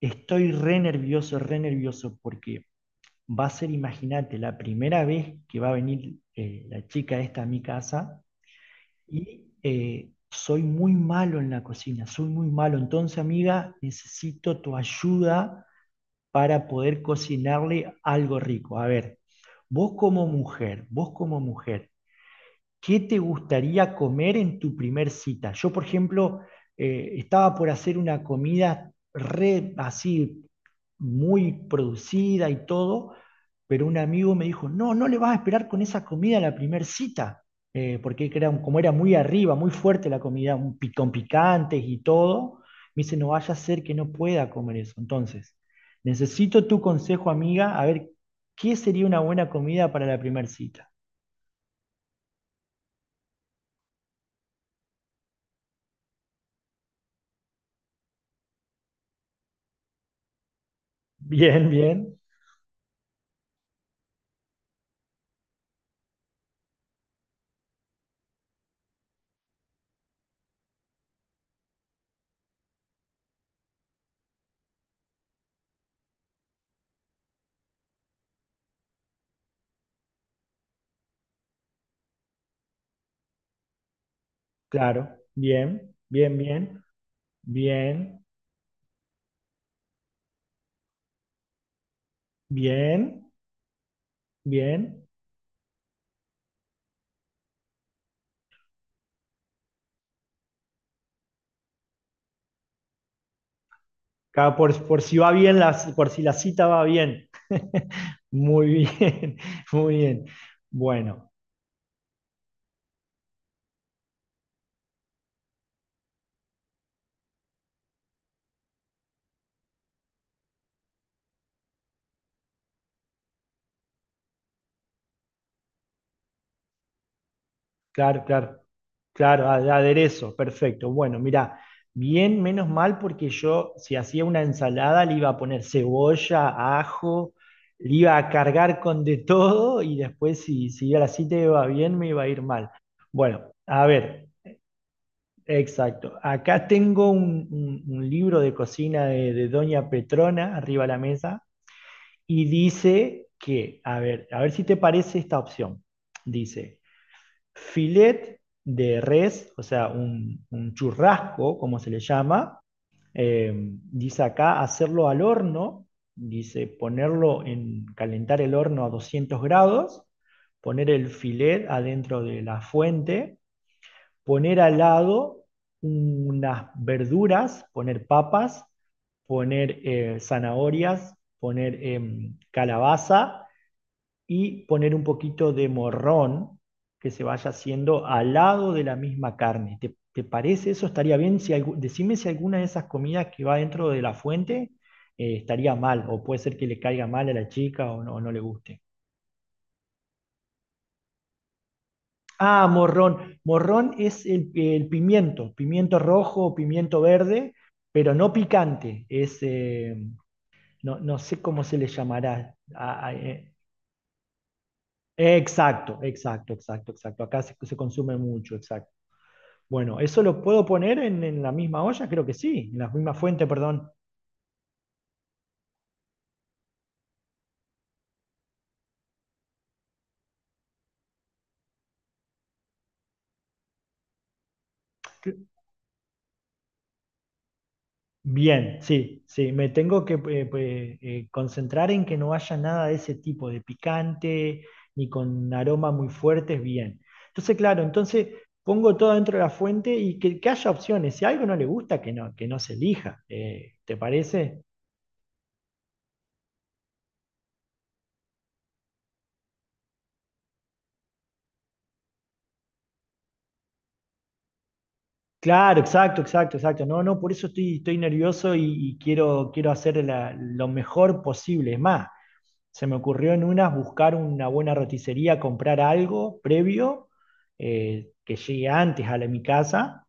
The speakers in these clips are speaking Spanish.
Estoy re nervioso, porque va a ser, imagínate, la primera vez que va a venir la chica esta a mi casa y soy muy malo en la cocina, soy muy malo. Entonces, amiga, necesito tu ayuda para poder cocinarle algo rico. A ver, vos como mujer, ¿qué te gustaría comer en tu primer cita? Yo, por ejemplo, estaba por hacer una comida re así, muy producida y todo, pero un amigo me dijo, no, no le vas a esperar con esa comida a la primer cita, porque era, como era muy arriba, muy fuerte la comida, con picantes y todo, me dice, no vaya a ser que no pueda comer eso. Entonces, necesito tu consejo, amiga, a ver, ¿qué sería una buena comida para la primer cita? Bien, bien. Claro, bien, bien, bien, bien, bien, bien. Por si va bien, la, por si la cita va bien. Muy bien, muy bien. Bueno, claro, claro, claro, aderezo, perfecto. Bueno, mira, bien, menos mal, porque yo si hacía una ensalada le iba a poner cebolla, ajo, le iba a cargar con de todo y después si a la cita iba bien, me iba a ir mal. Bueno, a ver. Exacto. Acá tengo un libro de cocina de Doña Petrona arriba de la mesa y dice que, a ver si te parece esta opción. Dice, filet de res, o sea, un churrasco, como se le llama. Dice acá hacerlo al horno, dice ponerlo en calentar el horno a 200 grados, poner el filet adentro de la fuente, poner al lado unas verduras, poner papas, poner zanahorias, poner calabaza y poner un poquito de morrón que se vaya haciendo al lado de la misma carne. ¿Te parece eso? ¿Estaría bien? Decime si alguna de esas comidas que va dentro de la fuente estaría mal o puede ser que le caiga mal a la chica o no le guste. Ah, morrón. Morrón es el pimiento, pimiento rojo o pimiento verde, pero no picante. No, no sé cómo se le llamará. Exacto, exacto, exacto, exacto. Acá se consume mucho, exacto. Bueno, ¿eso lo puedo poner en la misma olla? Creo que sí, en la misma fuente, perdón. Bien, sí, sí, me tengo que pues, concentrar en que no haya nada de ese tipo, de picante, ni con aromas muy fuertes, bien. Entonces, claro, entonces pongo todo dentro de la fuente y que haya opciones. Si algo no le gusta, que no se elija. ¿Te parece? Claro, exacto, exacto, exacto. No, no, por eso estoy nervioso y quiero hacer lo mejor posible. Es más. Se me ocurrió en unas buscar una buena roticería, comprar algo previo que llegue antes a mi casa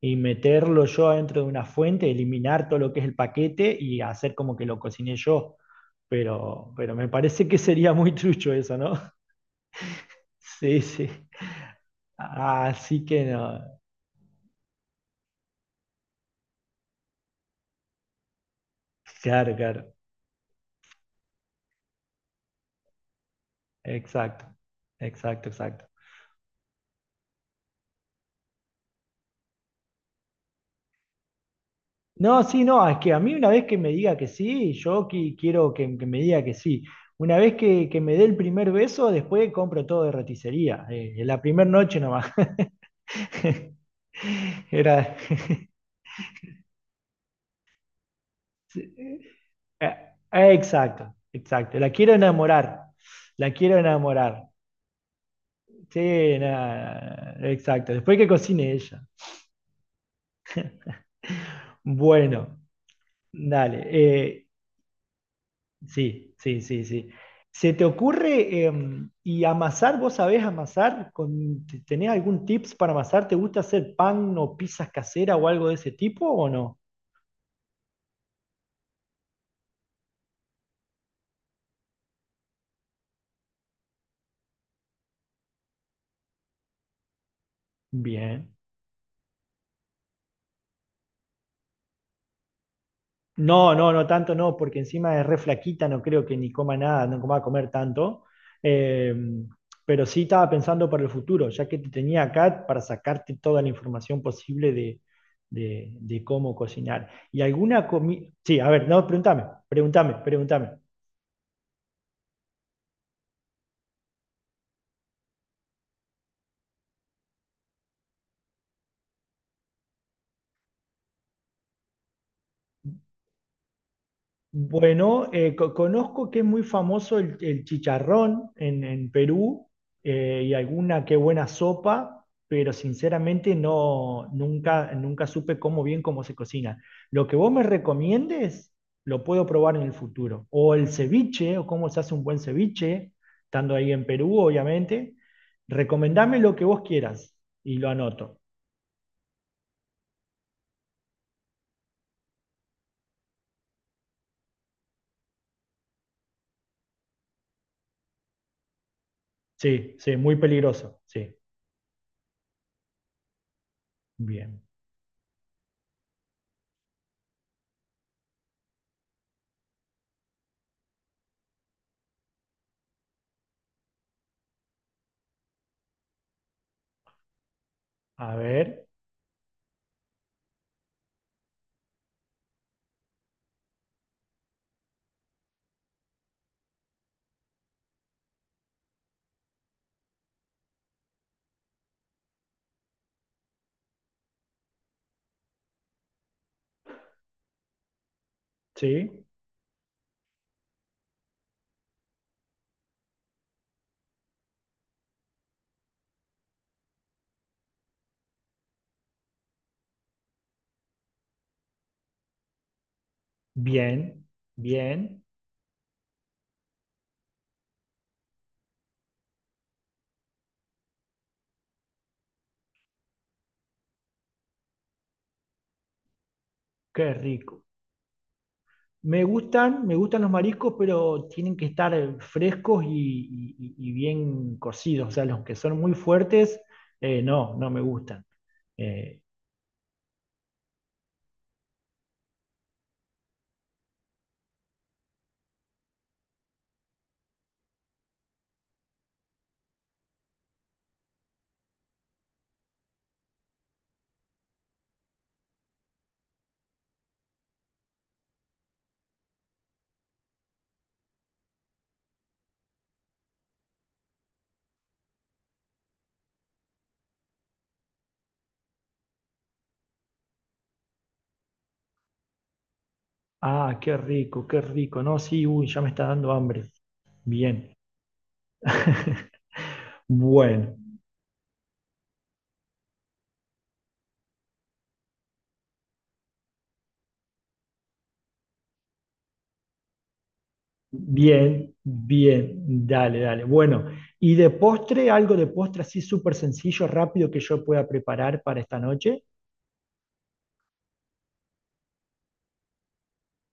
y meterlo yo adentro de una fuente, eliminar todo lo que es el paquete y hacer como que lo cociné yo. Pero me parece que sería muy trucho eso, ¿no? Sí, sí. Así que no. Claro, claro. Exacto. Exacto, exacto. No, sí, no, es que a mí una vez que me diga que sí, yo quiero que me diga que sí. Una vez que me dé el primer beso, después compro todo de roticería. En la primera noche nomás. Era. eh, Exacto, exacto. La quiero enamorar. La quiero enamorar. Sí, nada, exacto. Después que cocine ella. Bueno, dale. Sí, sí, sí, sí. ¿Se te ocurre y amasar? ¿Vos sabés amasar? ¿Tenés algún tips para amasar? ¿Te gusta hacer pan o pizzas caseras o algo de ese tipo o no? Bien. No, no, no tanto no, porque encima es re flaquita, no creo que ni coma nada, no coma a comer tanto. Em, pero sí estaba pensando para el futuro, ya que te tenía acá para sacarte toda la información posible de cómo cocinar. ¿Y alguna comida? Sí, a ver, no, pregúntame, pregúntame, pregúntame. Bueno, conozco que es muy famoso el chicharrón en Perú y alguna que buena sopa, pero sinceramente no, nunca, nunca supe cómo bien cómo se cocina. Lo que vos me recomiendes lo puedo probar en el futuro. O el ceviche, o cómo se hace un buen ceviche, estando ahí en Perú, obviamente. Recomendame lo que vos quieras y lo anoto. Sí, sí, muy peligroso. Sí, bien. A ver, sí. Bien, bien, qué rico. Me gustan los mariscos, pero tienen que estar frescos y bien cocidos. O sea, los que son muy fuertes, no, no me gustan. Eh, qué rico, qué rico. No, sí, uy, ya me está dando hambre. Bien. Bueno, bien, bien, dale, dale. Bueno, y de postre, algo de postre así súper sencillo, rápido que yo pueda preparar para esta noche.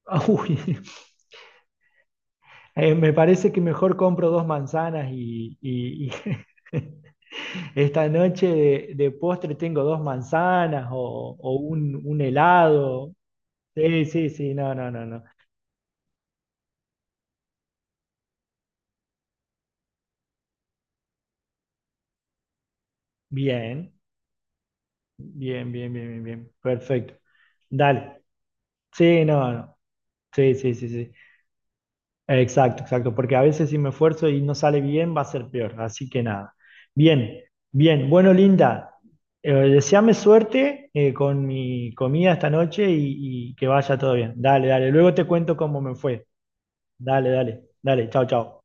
Uy. Me parece que mejor compro dos manzanas y esta noche de postre tengo dos manzanas o un helado. Sí, sí, sí, no, no, no, no. Bien, bien, bien, bien, bien, bien. Perfecto. Dale. Sí, no, no. Sí, sí, sí, sí. Exacto, exacto, porque a veces si me esfuerzo y no sale bien, va a ser peor. Así que nada. Bien, bien. Bueno, Linda, deséame suerte con mi comida esta noche y que vaya todo bien. Dale, dale. Luego te cuento cómo me fue. Dale, dale, dale. Chao, chao.